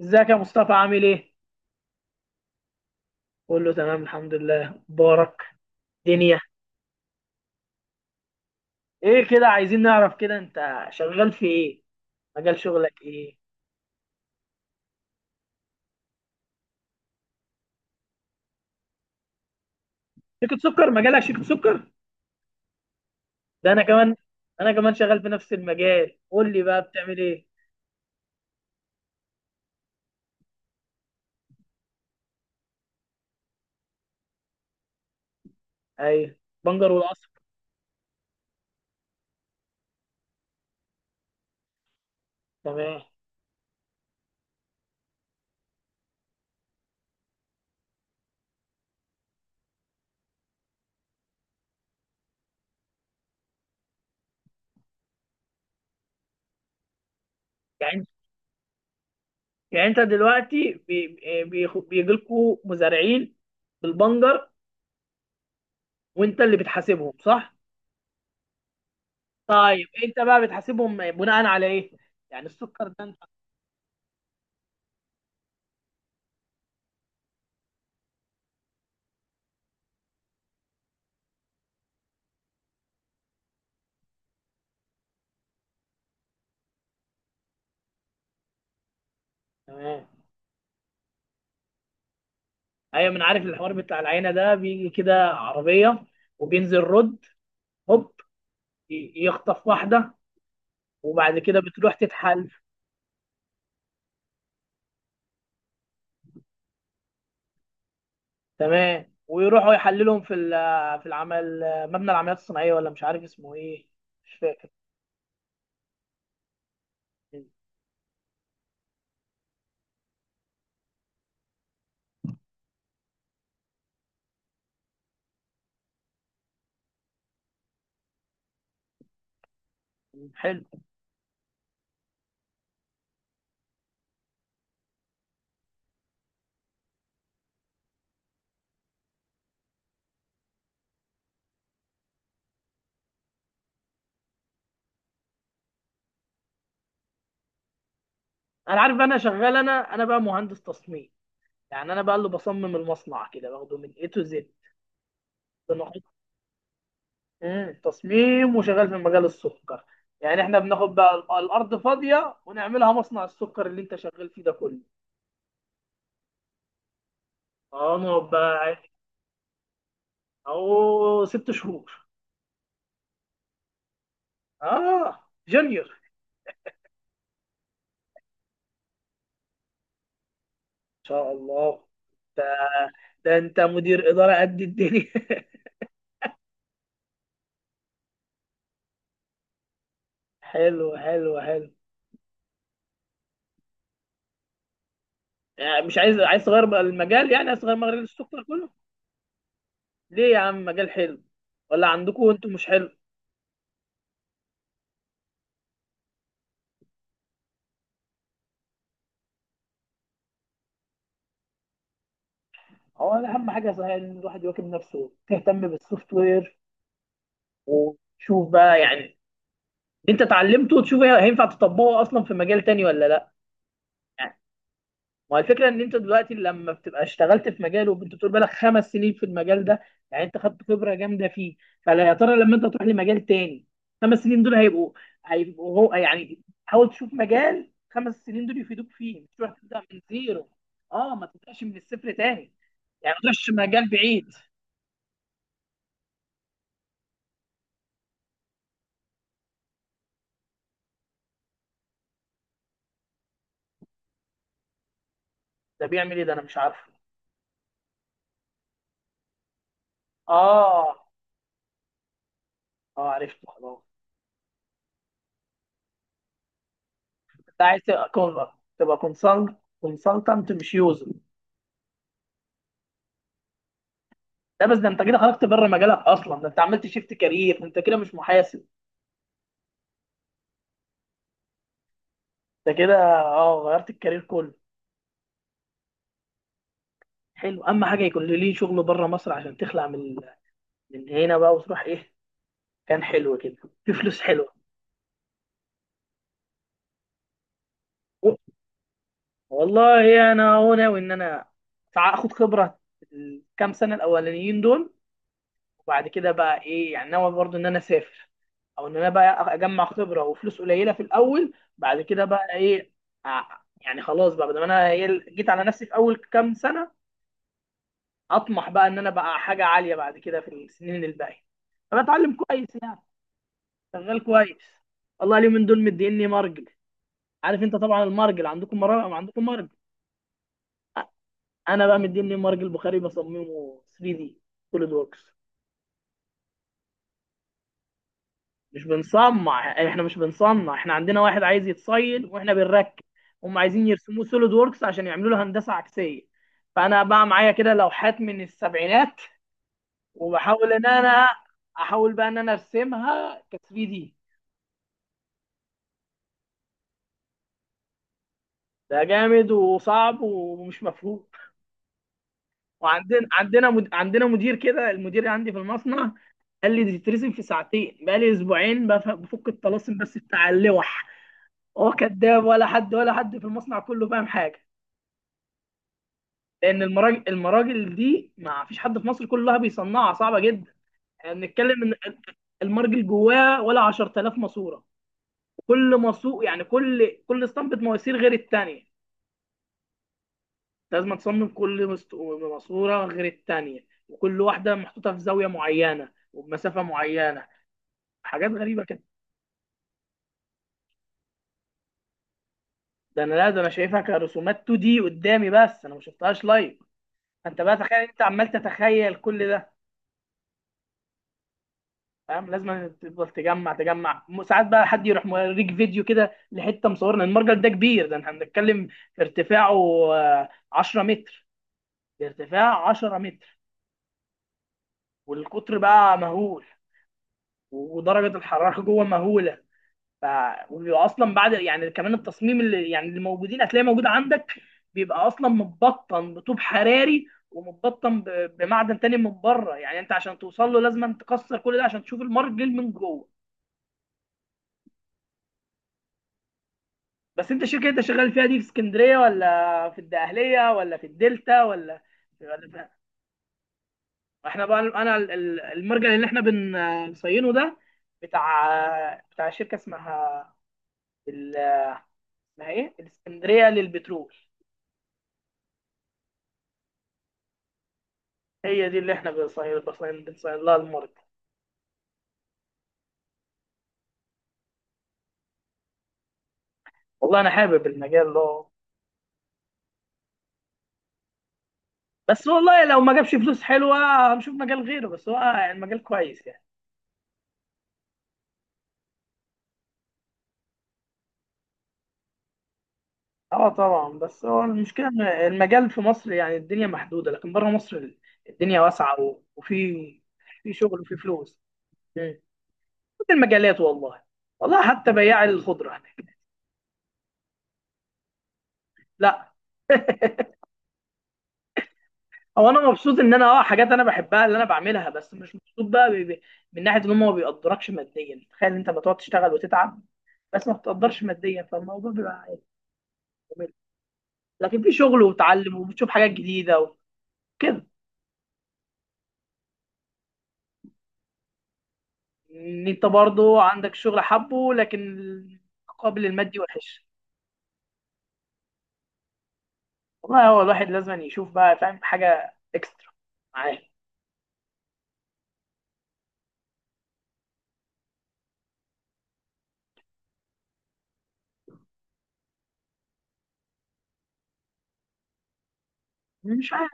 ازيك يا مصطفى؟ عامل ايه؟ قول له تمام، الحمد لله، بارك دنيا. ايه كده؟ عايزين نعرف كده، انت شغال في ايه؟ مجال شغلك ايه؟ شركة سكر؟ مجالك شركة سكر؟ ده انا كمان، انا كمان شغال في نفس المجال. قول لي بقى بتعمل ايه؟ ايوه، بنجر والقصب. تمام. يعني يعني انت دلوقتي بيجي لكم مزارعين بالبنجر، وانت اللي بتحاسبهم، صح؟ طيب انت بقى بتحاسبهم بناء على ايه؟ يعني السكر ده انت. تمام، ايوه. من عارف الحوار بتاع العينه ده، بيجي كده عربيه وبينزل رد، هوب يخطف واحده وبعد كده بتروح تتحل. تمام، ويروحوا يحللهم في في العمل، مبنى العمليات الصناعيه، ولا مش عارف اسمه ايه، مش فاكر. حلو. انا عارف، انا شغال، انا بقى مهندس تصميم. يعني انا بقى اللي بصمم المصنع كده، باخده من اي تو زد. مم. تصميم وشغال في مجال السكر. يعني احنا بناخد بقى الارض فاضيه ونعملها مصنع السكر اللي انت شغال فيه ده كله. اه ما هو بقى عادي. اهو ست شهور. اه جونيور ان شاء الله. ده, ده انت مدير اداره قد الدنيا! حلو حلو حلو. يعني مش عايز تغير بقى المجال؟ يعني عايز تغير مجال السوفت كله؟ ليه يا عم، مجال حلو، ولا عندكم انتوا مش حلو؟ هو أنا اهم حاجه صحيح ان الواحد يواكب نفسه، تهتم بالسوفت وير وتشوف بقى يعني. انت اتعلمته، وتشوف هينفع تطبقه اصلا في مجال تاني ولا لا. ما هو الفكره ان انت دلوقتي لما بتبقى اشتغلت في مجال، وانت بتقول بالك خمس سنين في المجال ده، يعني انت خدت خبره جامده فيه. فلا، يا ترى لما انت تروح لمجال تاني، خمس سنين دول هيبقوا، هو يعني حاول تشوف مجال خمس سنين دول يفيدوك فيه، مش تروح تبدا من زيرو. اه، ما تبداش من الصفر تاني. يعني ما تروحش مجال بعيد. ده بيعمل ايه؟ ده انا مش عارفه. اه، اه عرفته، خلاص. انت عايز تبقى تبقى كونسلتنت مش يوزر؟ لا، بس ده انت كده خرجت بره مجالك اصلا، ده انت عملت شيفت كارير، انت كده مش محاسب. انت كده اه غيرت الكارير كله. حلو، اما حاجه يكون ليه شغل بره مصر، عشان تخلع من هنا بقى وتروح ايه، كان حلو كده، في فلوس حلوه. والله انا، هو ناوي ان انا اخد خبره الكام سنه الاولانيين دول، وبعد كده بقى ايه يعني، ناوي برضو ان انا اسافر، او ان انا بقى اجمع خبره وفلوس قليله في الاول، بعد كده بقى ايه. يعني خلاص بقى، بدل ما انا إيه، جيت على نفسي في اول كام سنه، اطمح بقى ان انا بقى حاجه عاليه بعد كده في السنين الباقيه. فبتعلم كويس يعني، شغال كويس. والله اليومين دول مديني مرجل. عارف انت طبعا المرجل؟ عندكم مرجل، عندكم مرجل. انا بقى مديني مرجل بخاري بصممه 3 دي، سوليد ووركس. مش بنصنع، احنا مش بنصنع، احنا عندنا واحد عايز يتصيد واحنا بنركب. هم عايزين يرسموه سوليد ووركس عشان يعملوا له هندسه عكسيه. فانا بقى معايا كده لوحات من السبعينات، وبحاول ان انا احاول بقى ان انا ارسمها ك 3 دي. ده جامد وصعب ومش مفهوم. وعندنا عندنا مدير كده، المدير عندي في المصنع قال لي دي تترسم في ساعتين، بقى لي اسبوعين بفك الطلاسم بس بتاع اللوح. هو كداب، ولا حد، ولا حد في المصنع كله فاهم حاجه. لان المراجل، دي ما فيش حد في مصر كلها بيصنعها، صعبه جدا. يعني بنتكلم ان المرجل جواه ولا 10,000 ماسوره. كل ماسور يعني، كل اسطمبه مواسير غير الثانيه، لازم تصمم كل ماسوره غير الثانيه، وكل واحده محطوطه في زاويه معينه وبمسافه معينه، حاجات غريبه كده. ده انا لا، ده انا شايفها كرسومات 2 دي قدامي بس، انا ما شفتهاش لايف. انت بقى تخيل، انت عمال تتخيل كل ده. فاهم؟ لازم تفضل تجمع، ساعات بقى حد يروح موريك فيديو كده لحته مصورنا. المرجل ده كبير، ده احنا بنتكلم في ارتفاعه 10 متر، ده ارتفاع 10 متر. والقطر بقى مهول، ودرجه الحراره جوه مهوله. ف وبيبقى اصلا بعد يعني كمان التصميم، اللي يعني موجودين هتلاقي موجود عندك، بيبقى اصلا متبطن بطوب حراري، ومتبطن بمعدن تاني من بره. يعني انت عشان توصل له، لازم تكسر كل ده عشان تشوف المرجل من جوه. بس انت الشركه اللي انت شغال فيها دي في اسكندريه، ولا في الدقهليه، ولا في الدلتا، ولا في... احنا بقى انا المرجع اللي احنا بنصينه ده بتاع، شركه اسمها ال... اسمها ايه، الاسكندريه للبترول. هي دي اللي احنا بنصين، لها المرجع. والله انا حابب المجال ده، بس والله لو ما جابش فلوس حلوه هنشوف مجال غيره، بس هو المجال كويس يعني. اه طبعا، بس هو المشكله إن المجال في مصر يعني الدنيا محدوده، لكن بره مصر الدنيا واسعه وفي، في شغل وفي فلوس. مم. كل المجالات والله، والله حتى بياع الخضره هناك. لا، هو انا مبسوط ان انا، حاجات انا بحبها اللي انا بعملها، بس مش مبسوط بقى من ناحيه ان هم ما بيقدركش ماديا. تخيل انت ما تقعد تشتغل وتتعب بس ما بتقدرش ماديا، فالموضوع بيبقى عادي، جميل. لكن في شغل وتعلم، وبتشوف حاجات جديده وكده. ان انت برضو عندك شغل حبه، لكن المقابل المادي وحش. والله هو الواحد لازم يشوف بقى، فاهم، حاجة اكسترا معاه. مش عارف.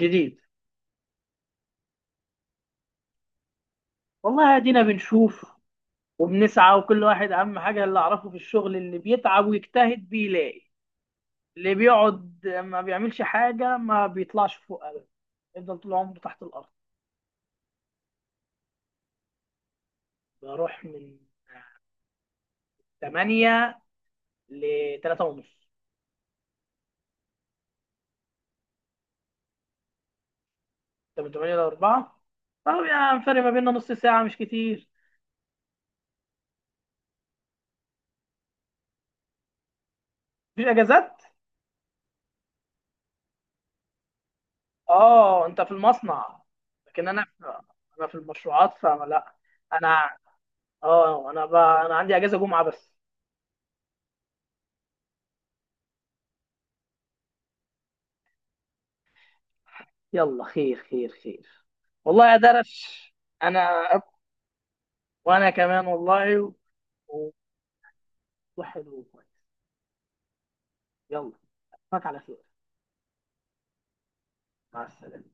جديد. والله ادينا بنشوف وبنسعى، وكل واحد اهم حاجة اللي اعرفه في الشغل، اللي بيتعب ويجتهد بيلاقي. اللي بيقعد ما بيعملش حاجة ما بيطلعش فوق ابدا، يفضل طول عمره تحت الارض. بروح من 8 ل 3 ونص. انت من 8 ل 4؟ طب يعني فرق ما بيننا نص ساعة، مش كتير. مفيش اجازات؟ اه انت في المصنع، لكن انا في، انا في المشروعات فما لا. انا اه انا بقى انا عندي اجازه جمعه بس. يلا خير، خير خير. والله يا درش. انا أب... وانا كمان والله، و- وحلو وكويس. يلا، اشوفك على خير. مع السلامه.